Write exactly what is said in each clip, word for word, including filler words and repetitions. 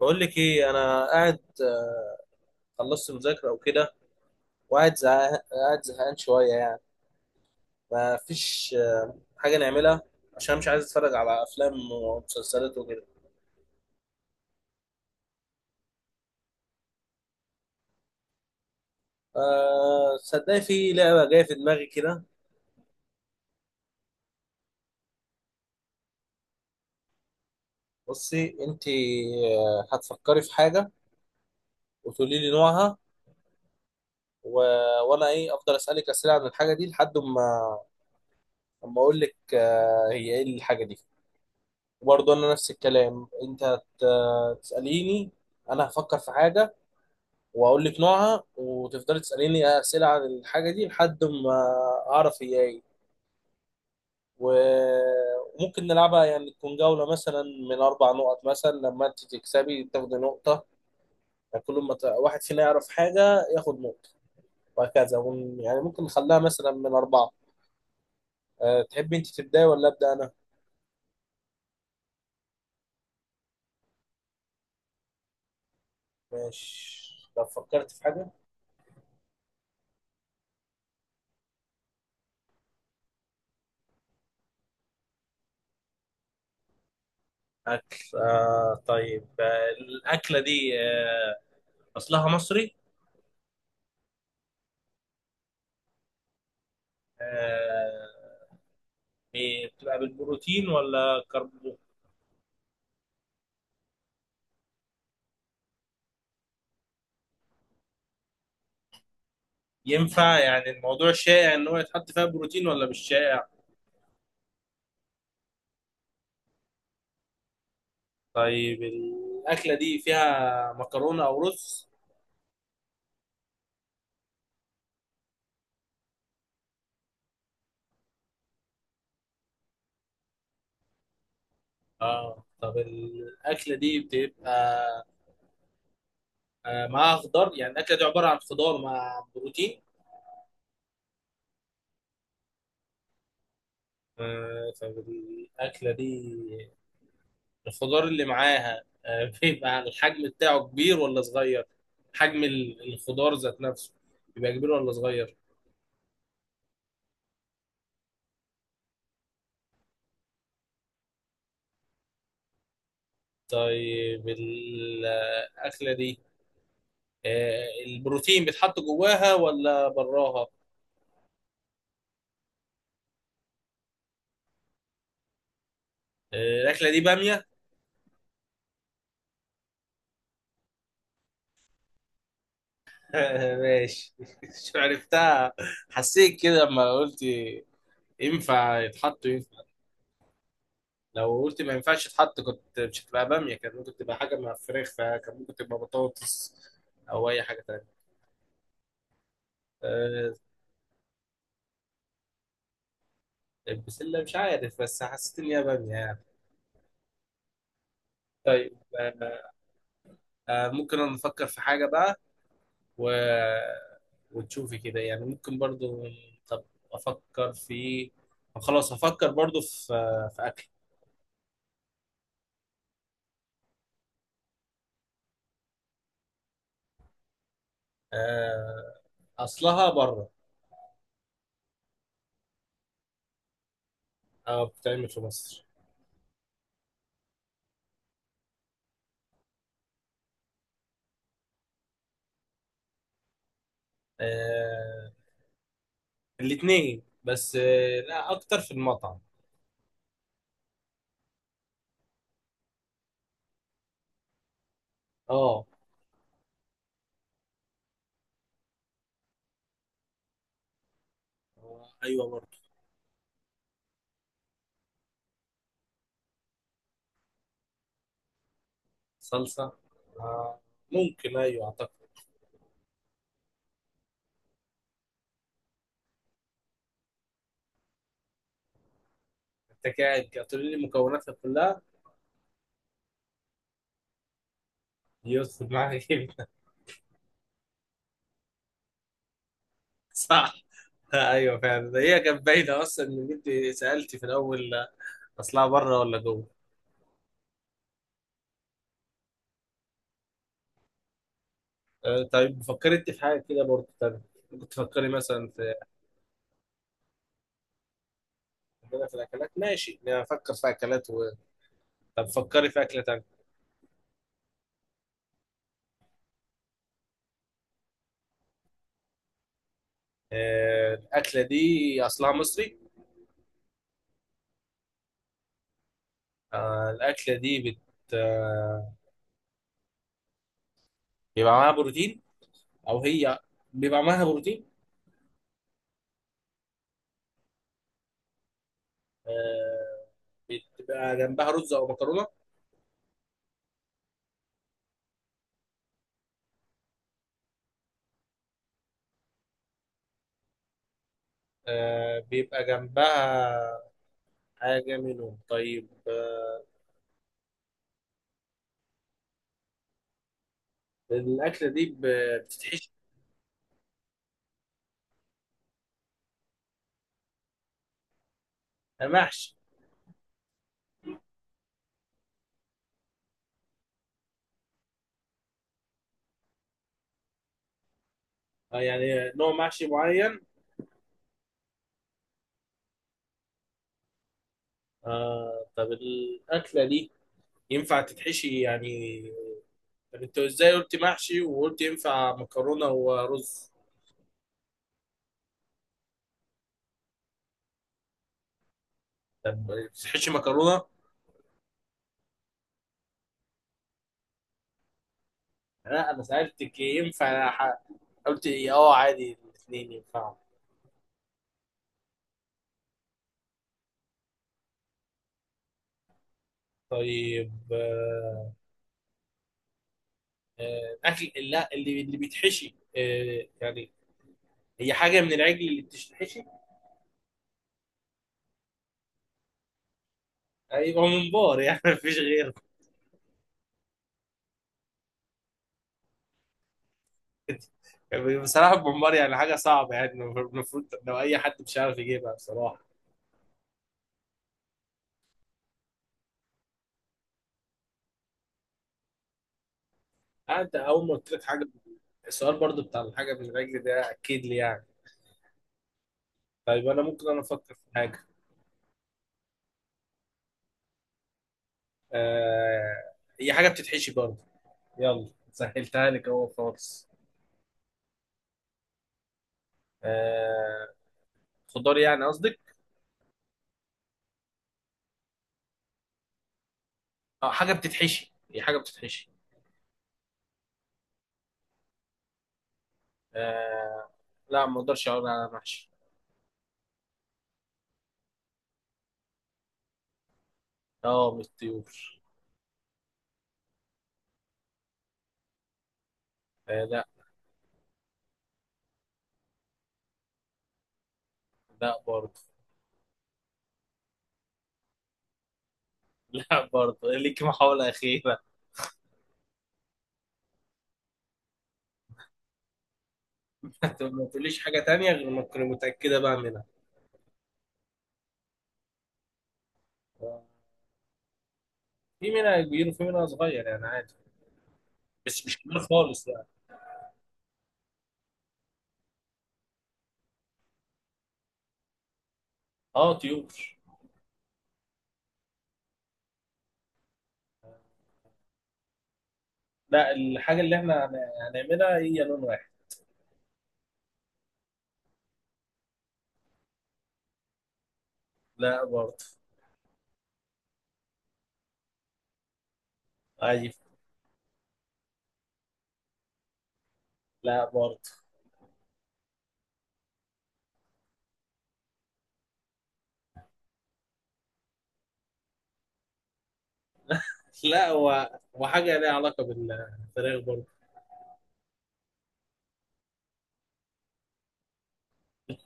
بقول لك ايه. انا قاعد، آه، خلصت مذاكره او كده، وقاعد زهقان قاعد زهقان شويه يعني. ما فيش آه، حاجه نعملها، عشان مش عايز اتفرج على افلام ومسلسلات وكده. آه، صدقني في لعبه جايه في دماغي كده. بصي انت، آه، هتفكري في حاجه وتقولي لي نوعها، و... وانا ايه افضل اسالك اسئله عن الحاجه دي لحد ما، اما اقول لك آه، هي ايه الحاجه دي. وبرضه انا نفس الكلام، انت هت- آه، تساليني. انا هفكر في حاجه واقول لك نوعها وتفضلي تساليني اسئله عن الحاجه دي لحد ما اعرف هي ايه. و- وممكن نلعبها يعني تكون جوله مثلا من اربع نقط، مثلا لما انت تكسبي تاخدي نقطه. يعني كل ما ت- واحد فينا يعرف حاجه ياخد نقطه وهكذا، ون- يعني ممكن نخليها مثلا من اربعه. أه تحبي انت تبداي ولا ابدا انا؟ ماشي، لو فكرت في حاجه. اكل؟ آه طيب. آه الاكله دي، آه اصلها مصري. آه يعني بتبقى بالبروتين ولا كربو؟ ينفع؟ يعني الموضوع شائع ان هو يتحط فيها بروتين ولا مش شائع؟ طيب الاكله دي فيها مكرونه او رز؟ اه. طب الاكله دي بتبقى آه، معاها خضار؟ يعني الاكله دي عباره عن خضار مع بروتين. آه طب الاكله دي، الخضار اللي معاها آه بيبقى الحجم بتاعه كبير ولا صغير؟ حجم ال- الخضار ذات نفسه بيبقى كبير ولا صغير؟ طيب الأكلة دي، آه، البروتين بيتحط جواها ولا براها؟ آه، الأكلة دي بامية؟ ماشي مش عرفتها. حسيت كده لما قلت ينفع يتحط، ينفع. لو قلت ما ينفعش يتحط كنت مش هتبقى بامية، كان ممكن تبقى حاجة مع فراخ، فكان ممكن تبقى بطاطس أو أي حاجة تانية. آه، البسلة مش عارف، بس حسيت إن هي بامية يعني. طيب، آه، آه، ممكن أنا نفكر في حاجة بقى، و... وتشوفي كده يعني، ممكن برضو. طب افكر في، خلاص افكر برضو في، في اكل. آه، اصلها بره، او بتعمل في مصر. آه، الاتنين، بس آه، لا اكتر في المطعم. اه. آه، ايوه برضو. صلصة؟ آه، ممكن ايوه، اعتقد. انت قاعد هتقولي لي مكوناتها كلها. يدخل معاك. صح، ايوه فعلا. هي كانت باينه اصلا ان انت سالتي في الاول اصلها بره ولا جوه. آه، طيب فكرت في حاجه كده برضه تانية. كنت تفكري مثلا في، عندنا في الاكلات. ماشي، نفكر في اكلات و... طب فكري في اكله تانية. آه، الاكله دي اصلها مصري. آه، الاكله دي بت آه، بيبقى معاها بروتين، او هي بيبقى معاها بروتين. آه، بتبقى جنبها رز او مكرونه. آه، بيبقى جنبها حاجه منهم. طيب آه، الاكله دي ب- بتتحشي؟ محشي. آه، يعني نوع محشي معين؟ آه طب الأكلة دي ينفع تتحشي يعني؟ طب أنت إزاي قلت محشي وقلت ينفع مكرونة ورز؟ طب تحشي مكرونة؟ لا أنا سألتك ينفع، ح- قلت إيه، أه عادي، الاتنين ينفعوا. طيب آه آه، الأكل، لا اللي اللي بيتحشي آه يعني، هي حاجة من العجل اللي بتتحشي؟ هيبقى ممبار يعني. مفيش غيره. بصراحة الممبار يعني حاجة صعبة، يعني المفروض لو أي حد مش عارف يجيبها بصراحة. آه انت اول ما قلت لك حاجه. السؤال برضو بتاع الحاجه بالرجل ده اكيد لي يعني. طيب انا ممكن انا افكر في حاجه. آه هي حاجه بتتحشي برضو. يلا سهلتها لك اهو خالص. آه خضار يعني قصدك؟ اه حاجه بتتحشي، هي حاجه بتتحشي. آه لا، ما اقدرش اقول على محشي. اه مش طيور. آه لا. لا برضو. لا برضو، ليك محاوله اخيره. طب ما تقوليش حاجه تانية غير ما تكوني متاكده بقى منها. آه، في منها كبير وفي منها صغير يعني عادي، بس مش كبير خالص يعني. اه طيور. لا، الحاجة اللي احنا هن- هنعملها هي لون واحد. لا برضه. عجيب. لا برضه. لا، هو وحاجة ليها علاقة بالفراخ برضه.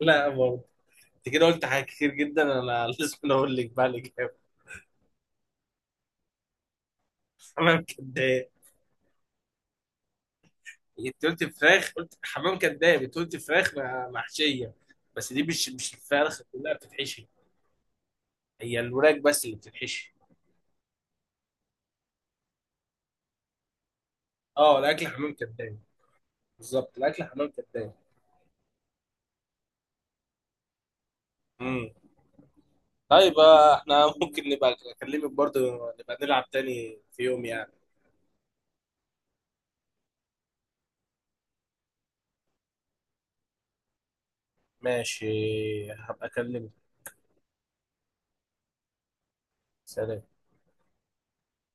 لا برضه. انت كده قلت حاجات كتير جدا، انا لازم اقول لك بقى الاجابة. حمام كداب. انت قلت فراخ، قلت حمام كداب. انت قلت فراخ مع- محشية. بس دي مش مش الفرخة كلها بتتحشي، هي الوراك بس اللي بتتحشي. اه الاكل حمام كداب، بالظبط. الاكل حمام كداب. طيب آه، احنا ممكن نبقى اكلمك برضه، نبقى نلعب تاني في يوم يعني. ماشي، هبقى اكلمك. سلام.